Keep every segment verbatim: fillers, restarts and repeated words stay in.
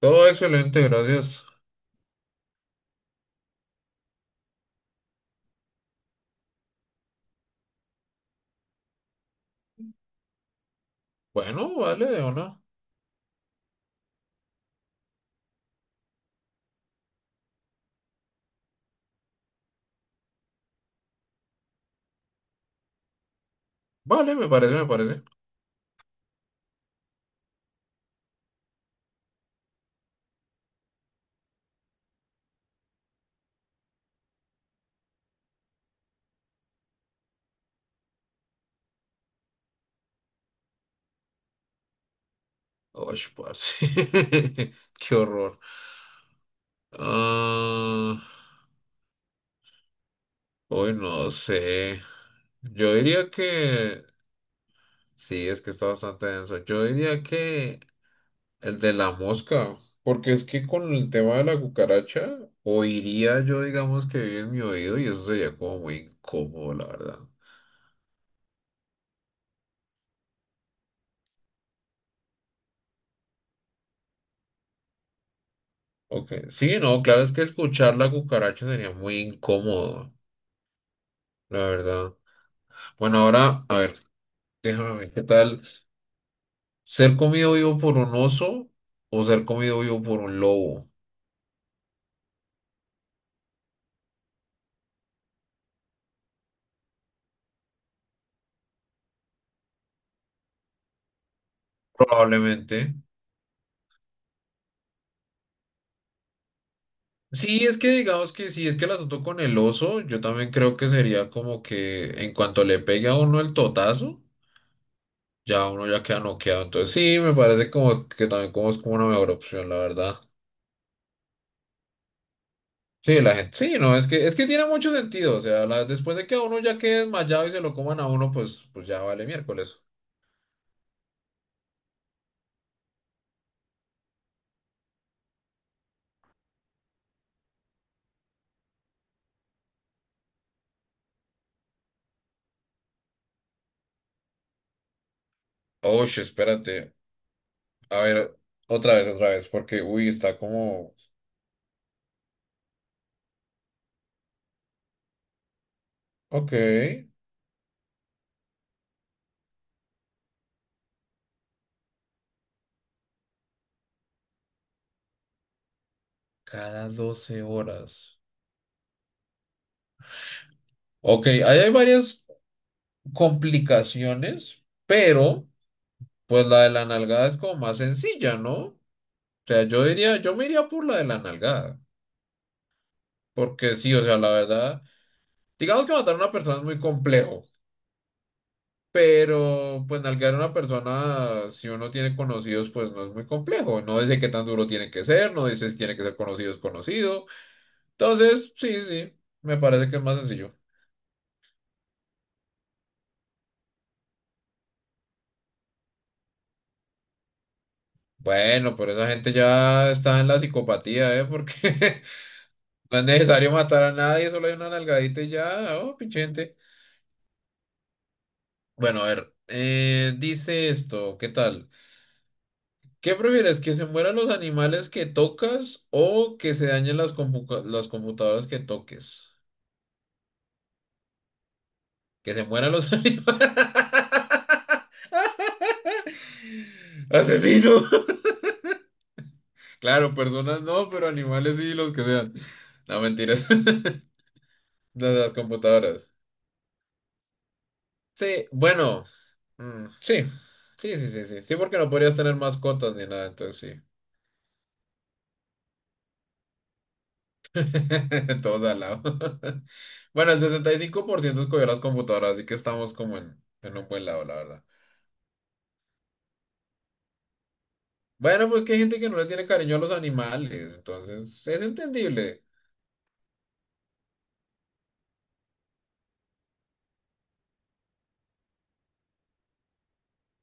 Todo excelente, gracias. Bueno, vale, o no. Vale, me parece, me parece. Uy, parce. Qué horror. Ah, hoy no sé. Yo diría que. Sí, es que está bastante denso. Yo diría que el de la mosca. Porque es que con el tema de la cucaracha, oiría yo, digamos, que vive en mi oído y eso sería como muy incómodo, la verdad. Ok, sí, no, claro, es que escuchar la cucaracha sería muy incómodo, la verdad. Bueno, ahora, a ver, déjame ver qué tal. ¿Ser comido vivo por un oso o ser comido vivo por un lobo? Probablemente. Sí, es que digamos que si es que el asunto con el oso, yo también creo que sería como que en cuanto le pegue a uno el totazo, ya uno ya queda noqueado. Entonces sí, me parece como que también como es como una mejor opción, la verdad. Sí, la gente, sí, no, es que es que tiene mucho sentido. O sea, la- después de que a uno ya quede desmayado y se lo coman a uno, pues, pues ya vale miércoles. Oye, espérate. A ver, otra vez, otra vez, porque, uy, está como... Ok, cada doce horas. Ok, ahí hay varias complicaciones, pero pues la de la nalgada es como más sencilla, ¿no? O sea, yo diría, yo me iría por la de la nalgada, porque sí, o sea, la verdad, digamos que matar a una persona es muy complejo, pero pues nalgar a una persona, si uno tiene conocidos, pues no es muy complejo. No dice qué tan duro tiene que ser, no dice si tiene que ser conocido o desconocido. Entonces, sí, sí, me parece que es más sencillo. Bueno, pero esa gente ya está en la psicopatía, ¿eh? Porque no es necesario matar a nadie, solo hay una nalgadita y ya, oh, pinche gente. Bueno, a ver, eh, dice esto, ¿qué tal? ¿Qué prefieres, que se mueran los animales que tocas o que se dañen las compu- las computadoras que toques? Que se mueran los animales. Asesino. Claro, personas no, pero animales sí, los que sean. No, mentiras. De las computadoras. Sí, bueno, mm, sí, sí, sí, sí, sí, sí, porque no podrías tener mascotas ni nada, entonces sí. Todos al lado. Bueno, el sesenta y cinco por ciento escogió las computadoras, así que estamos como en, en un buen lado, la verdad. Bueno, pues que hay gente que no le tiene cariño a los animales, entonces es entendible.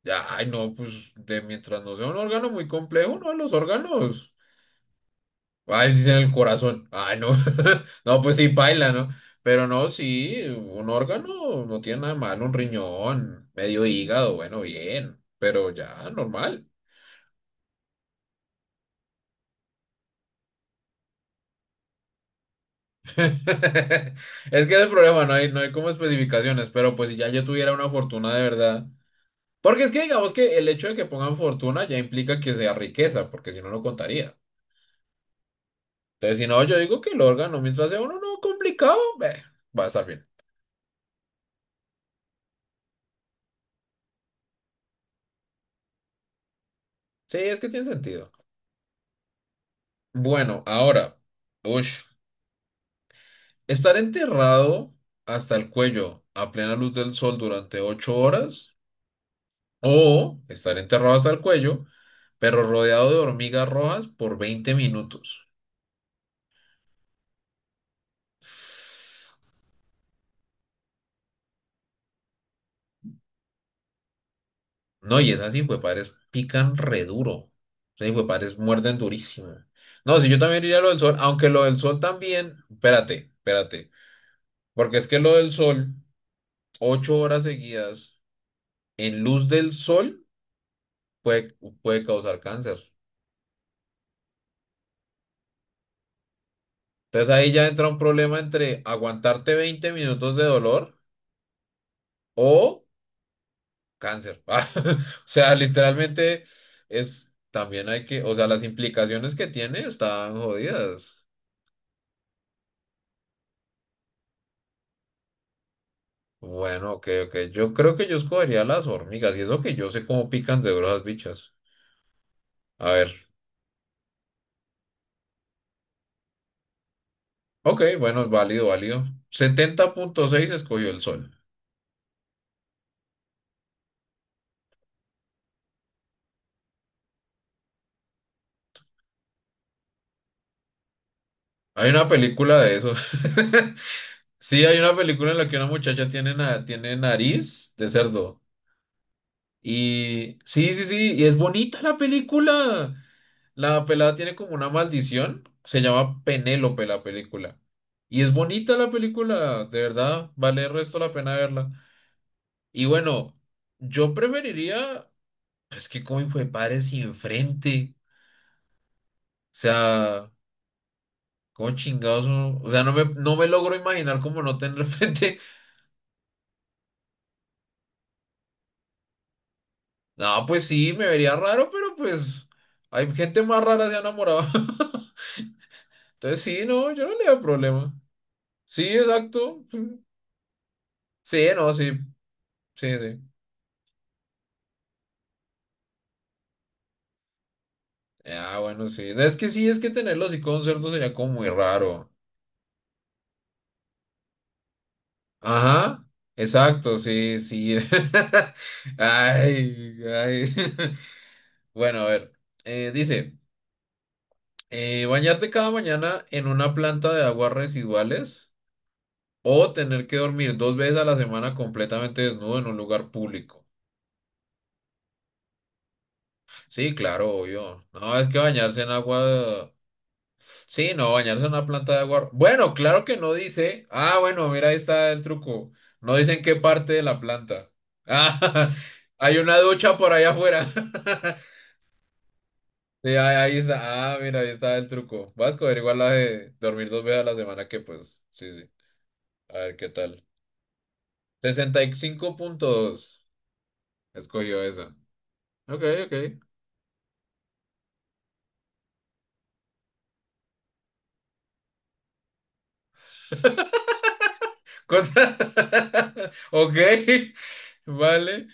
Ya, ay, no, pues de mientras no sea un órgano muy complejo, no, los órganos. Ay, dicen el corazón. Ay, no. No, pues sí, paila, ¿no? Pero no, sí, un órgano no tiene nada mal un riñón, medio hígado, bueno, bien, pero ya, normal. Es que es el problema, no hay, no hay como especificaciones, pero pues si ya yo tuviera una fortuna de verdad. Porque es que digamos que el hecho de que pongan fortuna ya implica que sea riqueza, porque si no, no contaría. Entonces, si no, yo digo que el órgano, mientras sea uno no complicado, eh, va a estar bien. Sí, es que tiene sentido. Bueno, ahora. Uy. Estar enterrado hasta el cuello a plena luz del sol durante ocho horas o estar enterrado hasta el cuello, pero rodeado de hormigas rojas por veinte minutos. No, y esas hijuepadres pican re duro. Esas hijuepadres muerden durísimo. No, si yo también iría a lo del sol, aunque lo del sol también, espérate, espérate, porque es que lo del sol, ocho horas seguidas en luz del sol puede, puede causar cáncer. Entonces ahí ya entra un problema entre aguantarte veinte minutos de dolor o cáncer. Ah, o sea, literalmente es, también hay que, o sea, las implicaciones que tiene están jodidas. Bueno, ok, ok. Yo creo que yo escogería las hormigas y eso que yo sé cómo pican de duras las bichas. A ver. Ok, bueno, es válido, válido. Setenta punto seis escogió el sol. Hay una película de eso. Sí, hay una película en la que una muchacha tiene, na- tiene nariz de cerdo. Y sí, sí, sí, y es bonita la película. La pelada tiene como una maldición. Se llama Penélope la película. Y es bonita la película, de verdad, vale el resto la pena verla. Y bueno, yo preferiría, es que como fue padre sin frente. O sea, como chingados, uno- o sea, no me, no me logro imaginar como no tener frente. No, pues sí, me vería raro, pero pues hay gente más rara se ha enamorado. Entonces sí, no, yo no le veo problema. Sí, exacto. Sí, no, sí, sí, sí. Ah, bueno, sí. Es que sí, es que tenerlo así con cerdo sería como muy raro. Ajá, exacto, sí, sí. Ay, ay. Bueno, a ver. Eh, dice, eh, bañarte cada mañana en una planta de aguas residuales o tener que dormir dos veces a la semana completamente desnudo en un lugar público. Sí, claro, obvio. No, es que bañarse en agua. Sí, no, bañarse en una planta de agua. Bueno, claro que no dice. Ah, bueno, mira, ahí está el truco. No dicen qué parte de la planta. Ah, hay una ducha por allá afuera. Sí, ahí, ahí está. Ah, mira, ahí está el truco. Vas a averiguar la de dormir dos veces a la semana, que pues, sí, sí. A ver qué tal. sesenta y cinco punto dos. Escogió esa. Ok, ok. Contra- Ok, vale.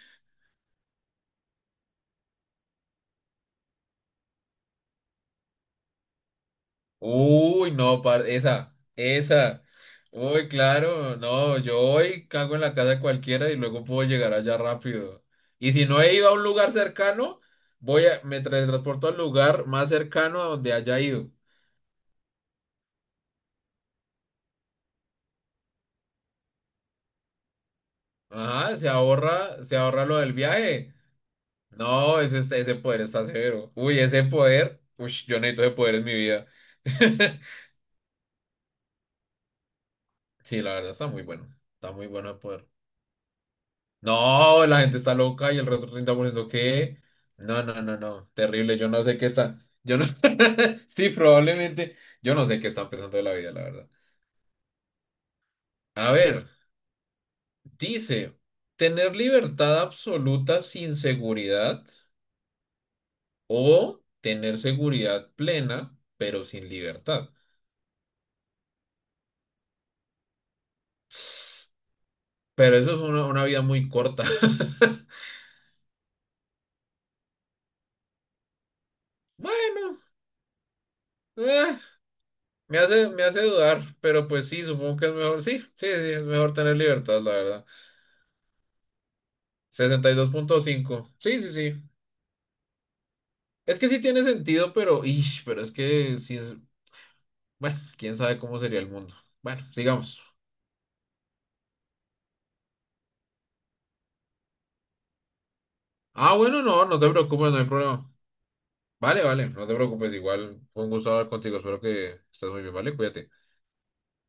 Uy, no, par- esa, esa. Uy, claro, no, yo hoy cago en la casa de cualquiera y luego puedo llegar allá rápido. Y si no he ido a un lugar cercano, voy a, me transporto al lugar más cercano a donde haya ido. Ajá, se ahorra, se ahorra lo del viaje. No, ese, está- ese poder está severo. Uy, ese poder, uy, yo necesito ese poder en mi vida. Sí, la verdad está muy bueno. Está muy bueno el poder. No, la gente está loca y el resto está poniendo que. No, no, no, no. Terrible. Yo no sé qué está. Yo no. Sí, probablemente. Yo no sé qué están pensando de la vida, la verdad. A ver, dice: ¿tener libertad absoluta sin seguridad o tener seguridad plena, pero sin libertad? Pero eso es una, una vida muy corta. Bueno, eh, me hace, me hace dudar, pero pues sí, supongo que es mejor. Sí, sí, sí, es mejor tener libertad, la verdad. Sesenta y dos punto cinco. Sí, sí, sí. Es que sí tiene sentido, pero, ish, pero es que sí es. Bueno, quién sabe cómo sería el mundo. Bueno, sigamos. Ah, bueno, no, no te preocupes, no hay problema. Vale, vale, no te preocupes. Igual fue un gusto hablar contigo. Espero que estés muy bien, ¿vale? Cuídate.